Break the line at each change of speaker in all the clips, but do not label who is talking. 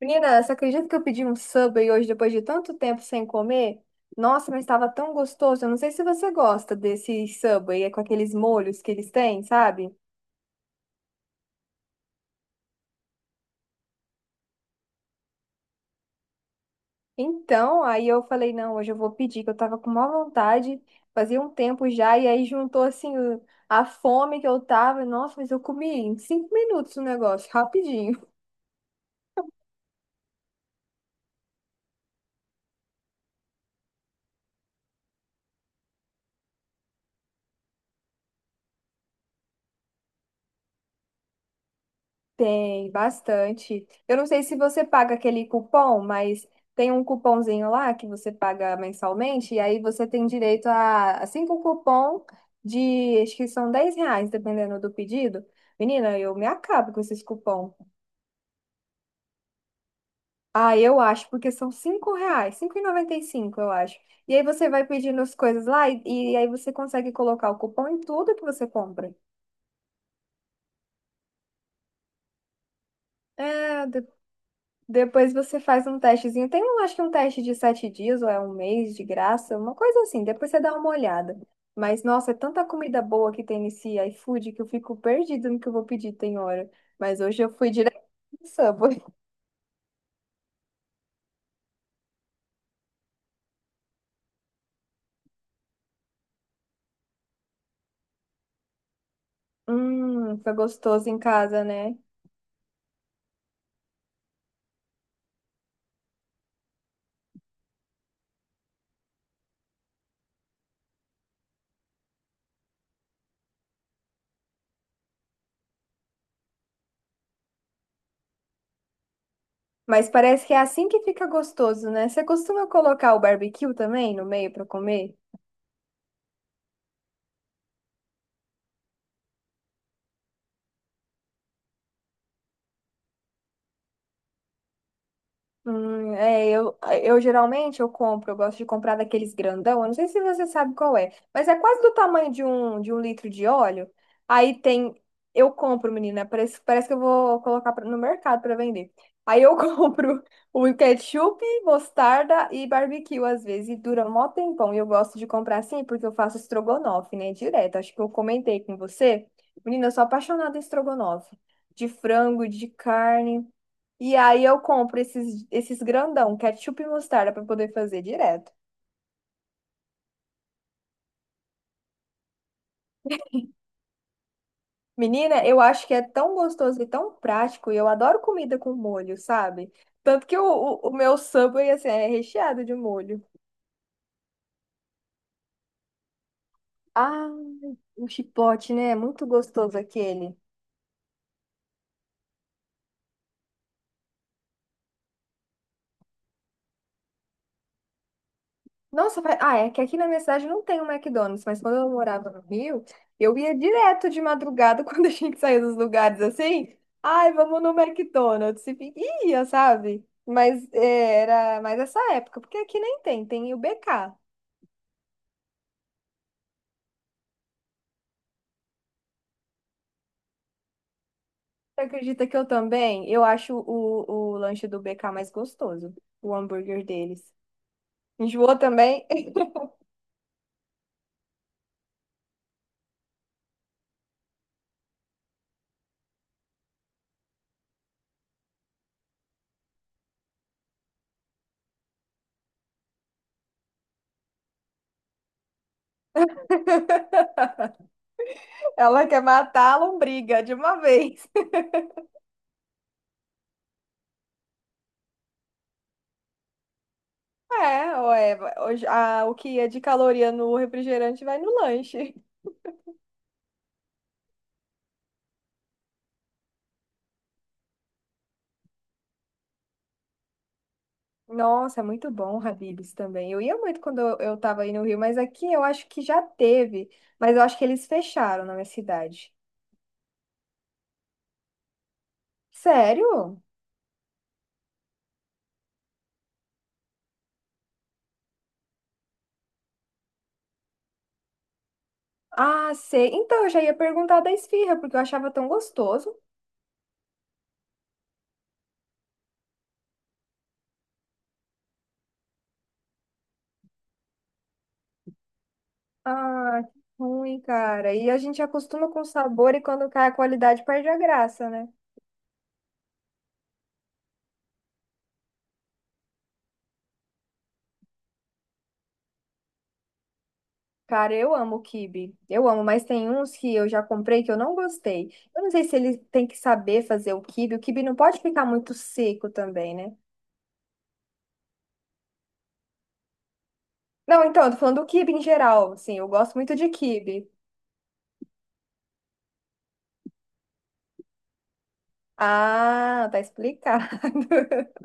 Menina, você acredita que eu pedi um Subway hoje depois de tanto tempo sem comer? Nossa, mas estava tão gostoso. Eu não sei se você gosta desse Subway, é com aqueles molhos que eles têm, sabe? Então, aí eu falei, não, hoje eu vou pedir, que eu tava com má vontade, fazia um tempo já, e aí juntou assim a fome que eu tava. Nossa, mas eu comi em cinco minutos o negócio, rapidinho. Tem bastante. Eu não sei se você paga aquele cupom, mas tem um cupomzinho lá que você paga mensalmente, e aí você tem direito a cinco cupom de, acho que são R$ 10, dependendo do pedido. Menina, eu me acabo com esses cupom. Ah, eu acho, porque são 5 reais, 5 e 95 eu acho. E aí você vai pedindo as coisas lá e aí você consegue colocar o cupom em tudo que você compra. É, depois você faz um testezinho. Tem um, acho que um teste de 7 dias ou é um mês de graça, uma coisa assim. Depois você dá uma olhada. Mas, nossa, é tanta comida boa que tem nesse iFood que eu fico perdida no que eu vou pedir, tem hora. Mas hoje eu fui direto no Subway. Foi gostoso em casa, né? Mas parece que é assim que fica gostoso, né? Você costuma colocar o barbecue também no meio para comer? É, eu geralmente eu compro, eu gosto de comprar daqueles grandão, eu não sei se você sabe qual é, mas é quase do tamanho de um litro de óleo. Aí tem, eu compro, menina, parece, parece que eu vou colocar no mercado para vender. Aí eu compro o ketchup, mostarda e barbecue às vezes, e dura mó tempão. E eu gosto de comprar assim porque eu faço estrogonofe, né, direto. Acho que eu comentei com você. Menina, eu sou apaixonada em estrogonofe, de frango, de carne. E aí eu compro esses grandão, ketchup e mostarda para poder fazer direto. Menina, eu acho que é tão gostoso e tão prático, e eu adoro comida com molho, sabe? Tanto que o meu Subway, assim, é recheado de molho. Ah, um chipote, né? É muito gostoso aquele. Nossa, ah, é que aqui na minha cidade não tem um McDonald's, mas quando eu morava no Rio, eu ia direto de madrugada quando a gente saía dos lugares assim. Ai, vamos no McDonald's. Ia, sabe? Mas é, era mais essa época, porque aqui nem tem, tem o BK. Você acredita que eu também? Eu acho o lanche do BK mais gostoso, o hambúrguer deles. Enjoou também? Ela quer matar a lombriga de uma vez. É, ué, o que é de caloria no refrigerante vai no lanche. Nossa, é muito bom, o Habib's também. Eu ia muito quando eu tava aí no Rio, mas aqui eu acho que já teve, mas eu acho que eles fecharam na minha cidade. Sério? Ah, sei. Então eu já ia perguntar da esfirra, porque eu achava tão gostoso. Ah, que ruim, cara. E a gente acostuma com o sabor e quando cai a qualidade perde a graça, né? Cara, eu amo quibe. Eu amo, mas tem uns que eu já comprei que eu não gostei. Eu não sei se ele tem que saber fazer o quibe. O quibe não pode ficar muito seco também, né? Não, então, eu tô falando do quibe em geral. Sim, eu gosto muito de quibe. Ah, tá explicado.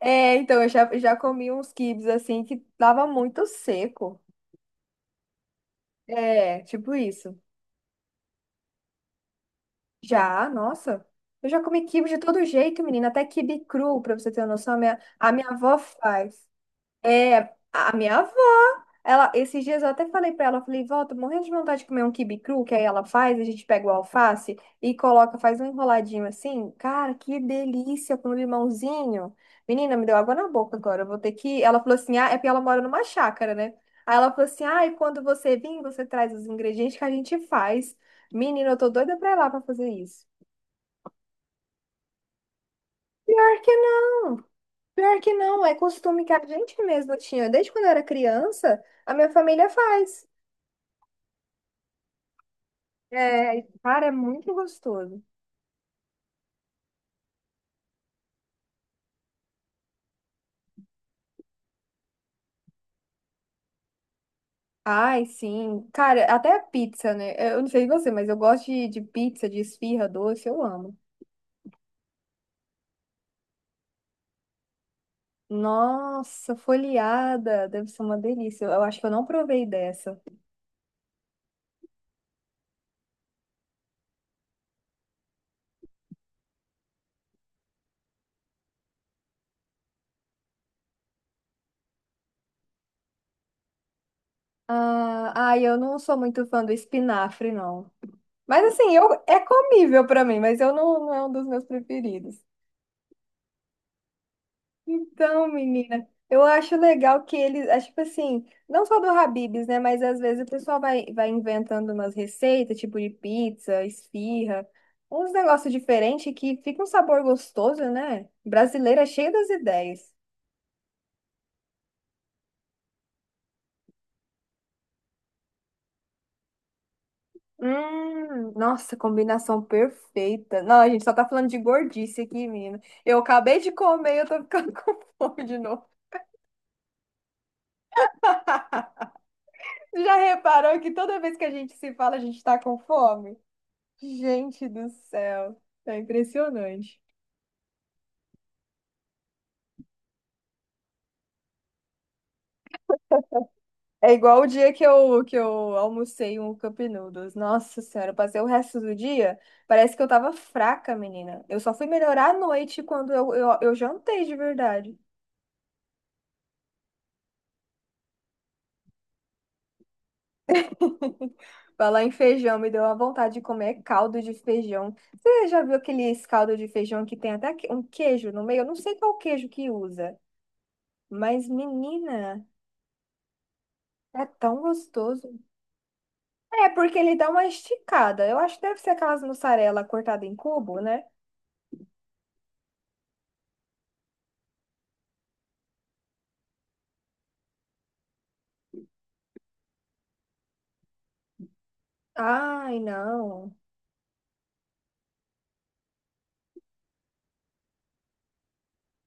É, então, já comi uns quibes assim que tava muito seco. É, tipo isso. Já, nossa. Eu já comi quibe de todo jeito, menina. Até quibe cru, pra você ter uma noção, a minha avó faz. É, a minha avó. Ela, esses dias eu até falei pra ela, falei, volta, morrendo de vontade de comer um quibe cru, que aí ela faz, a gente pega o alface e coloca, faz um enroladinho assim. Cara, que delícia com limãozinho. Menina, me deu água na boca agora. Eu vou ter que. Ela falou assim: ah, é porque ela mora numa chácara, né? Aí ela falou assim: ah, e quando você vir, você traz os ingredientes que a gente faz. Menina, eu tô doida pra ir lá pra fazer isso. Pior que não, pior que não, é costume que a gente mesma tinha. Desde quando eu era criança, a minha família faz. É, cara, é muito gostoso. Ai, sim. Cara, até a pizza, né? É, eu não sei você, mas eu gosto de pizza, de esfirra, doce, eu amo. Nossa, folheada, deve ser uma delícia. Eu, acho que eu não provei dessa. Ah, ai, eu não sou muito fã do espinafre, não. Mas assim, eu, é comível pra mim, mas eu não, não é um dos meus preferidos. Então, menina, eu acho legal que eles, acho tipo assim, não só do Habib's, né? Mas às vezes o pessoal vai inventando umas receitas, tipo de pizza, esfirra, uns negócios diferentes que fica um sabor gostoso, né? Brasileira é cheia das ideias. Nossa, combinação perfeita. Não, a gente só tá falando de gordice aqui, menina. Eu acabei de comer e eu tô ficando com fome de novo. Já reparou que toda vez que a gente se fala, a gente tá com fome? Gente do céu, é impressionante. É igual o dia que eu almocei um Cup Noodles. Nossa Senhora, eu passei o resto do dia, parece que eu tava fraca, menina. Eu só fui melhorar à noite quando eu jantei de verdade. Falar em feijão, me deu uma vontade de comer caldo de feijão. Você já viu aqueles caldo de feijão que tem um queijo no meio? Eu não sei qual queijo que usa, mas menina, é tão gostoso. É, porque ele dá uma esticada. Eu acho que deve ser aquelas mussarela cortada em cubo, né? Ai, não.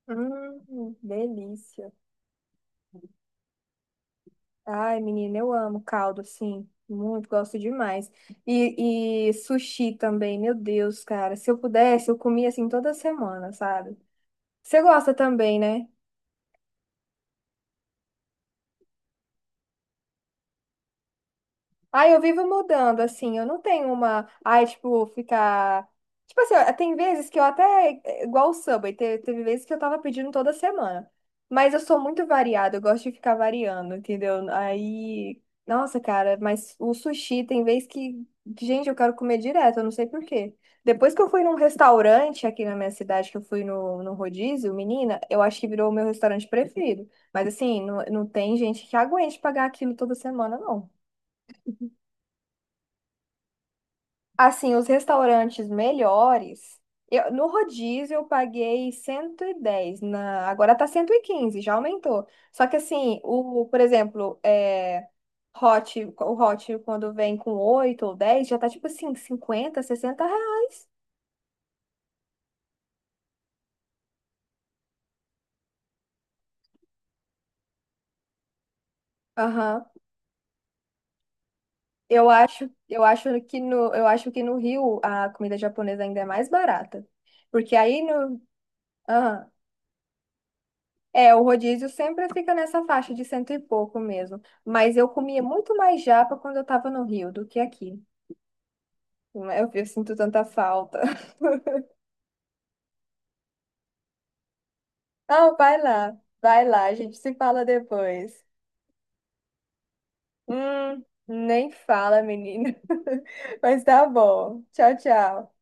Delícia. Ai, menina, eu amo caldo, sim. Muito, gosto demais. E sushi também, meu Deus, cara. Se eu pudesse, eu comia assim toda semana, sabe? Você gosta também, né? Ah, eu vivo mudando, assim, eu não tenho uma. Ai, tipo, ficar. Tipo assim, ó, tem vezes que eu até. É igual o Subway, teve vezes que eu tava pedindo toda semana. Mas eu sou muito variada, eu gosto de ficar variando, entendeu? Aí. Nossa, cara, mas o sushi tem vez que. Gente, eu quero comer direto, eu não sei por quê. Depois que eu fui num restaurante aqui na minha cidade, que eu fui no rodízio, menina, eu acho que virou o meu restaurante preferido. Mas assim, não tem gente que aguente pagar aquilo toda semana, não. Assim, os restaurantes melhores. Eu, no rodízio eu paguei 110 na, agora tá 115 já aumentou. Só que assim, o, por exemplo, é, hot, o hot quando vem com 8 ou 10 já tá tipo assim, R$ 50, 60. Aham. Eu acho que no, eu acho que no Rio a comida japonesa ainda é mais barata. Porque aí no, aham, é, o rodízio sempre fica nessa faixa de 100 e pouco mesmo. Mas eu comia muito mais japa quando eu tava no Rio do que aqui. Eu sinto tanta falta. Ah, vai lá, a gente se fala depois. Nem fala, menina. Mas tá bom. Tchau, tchau.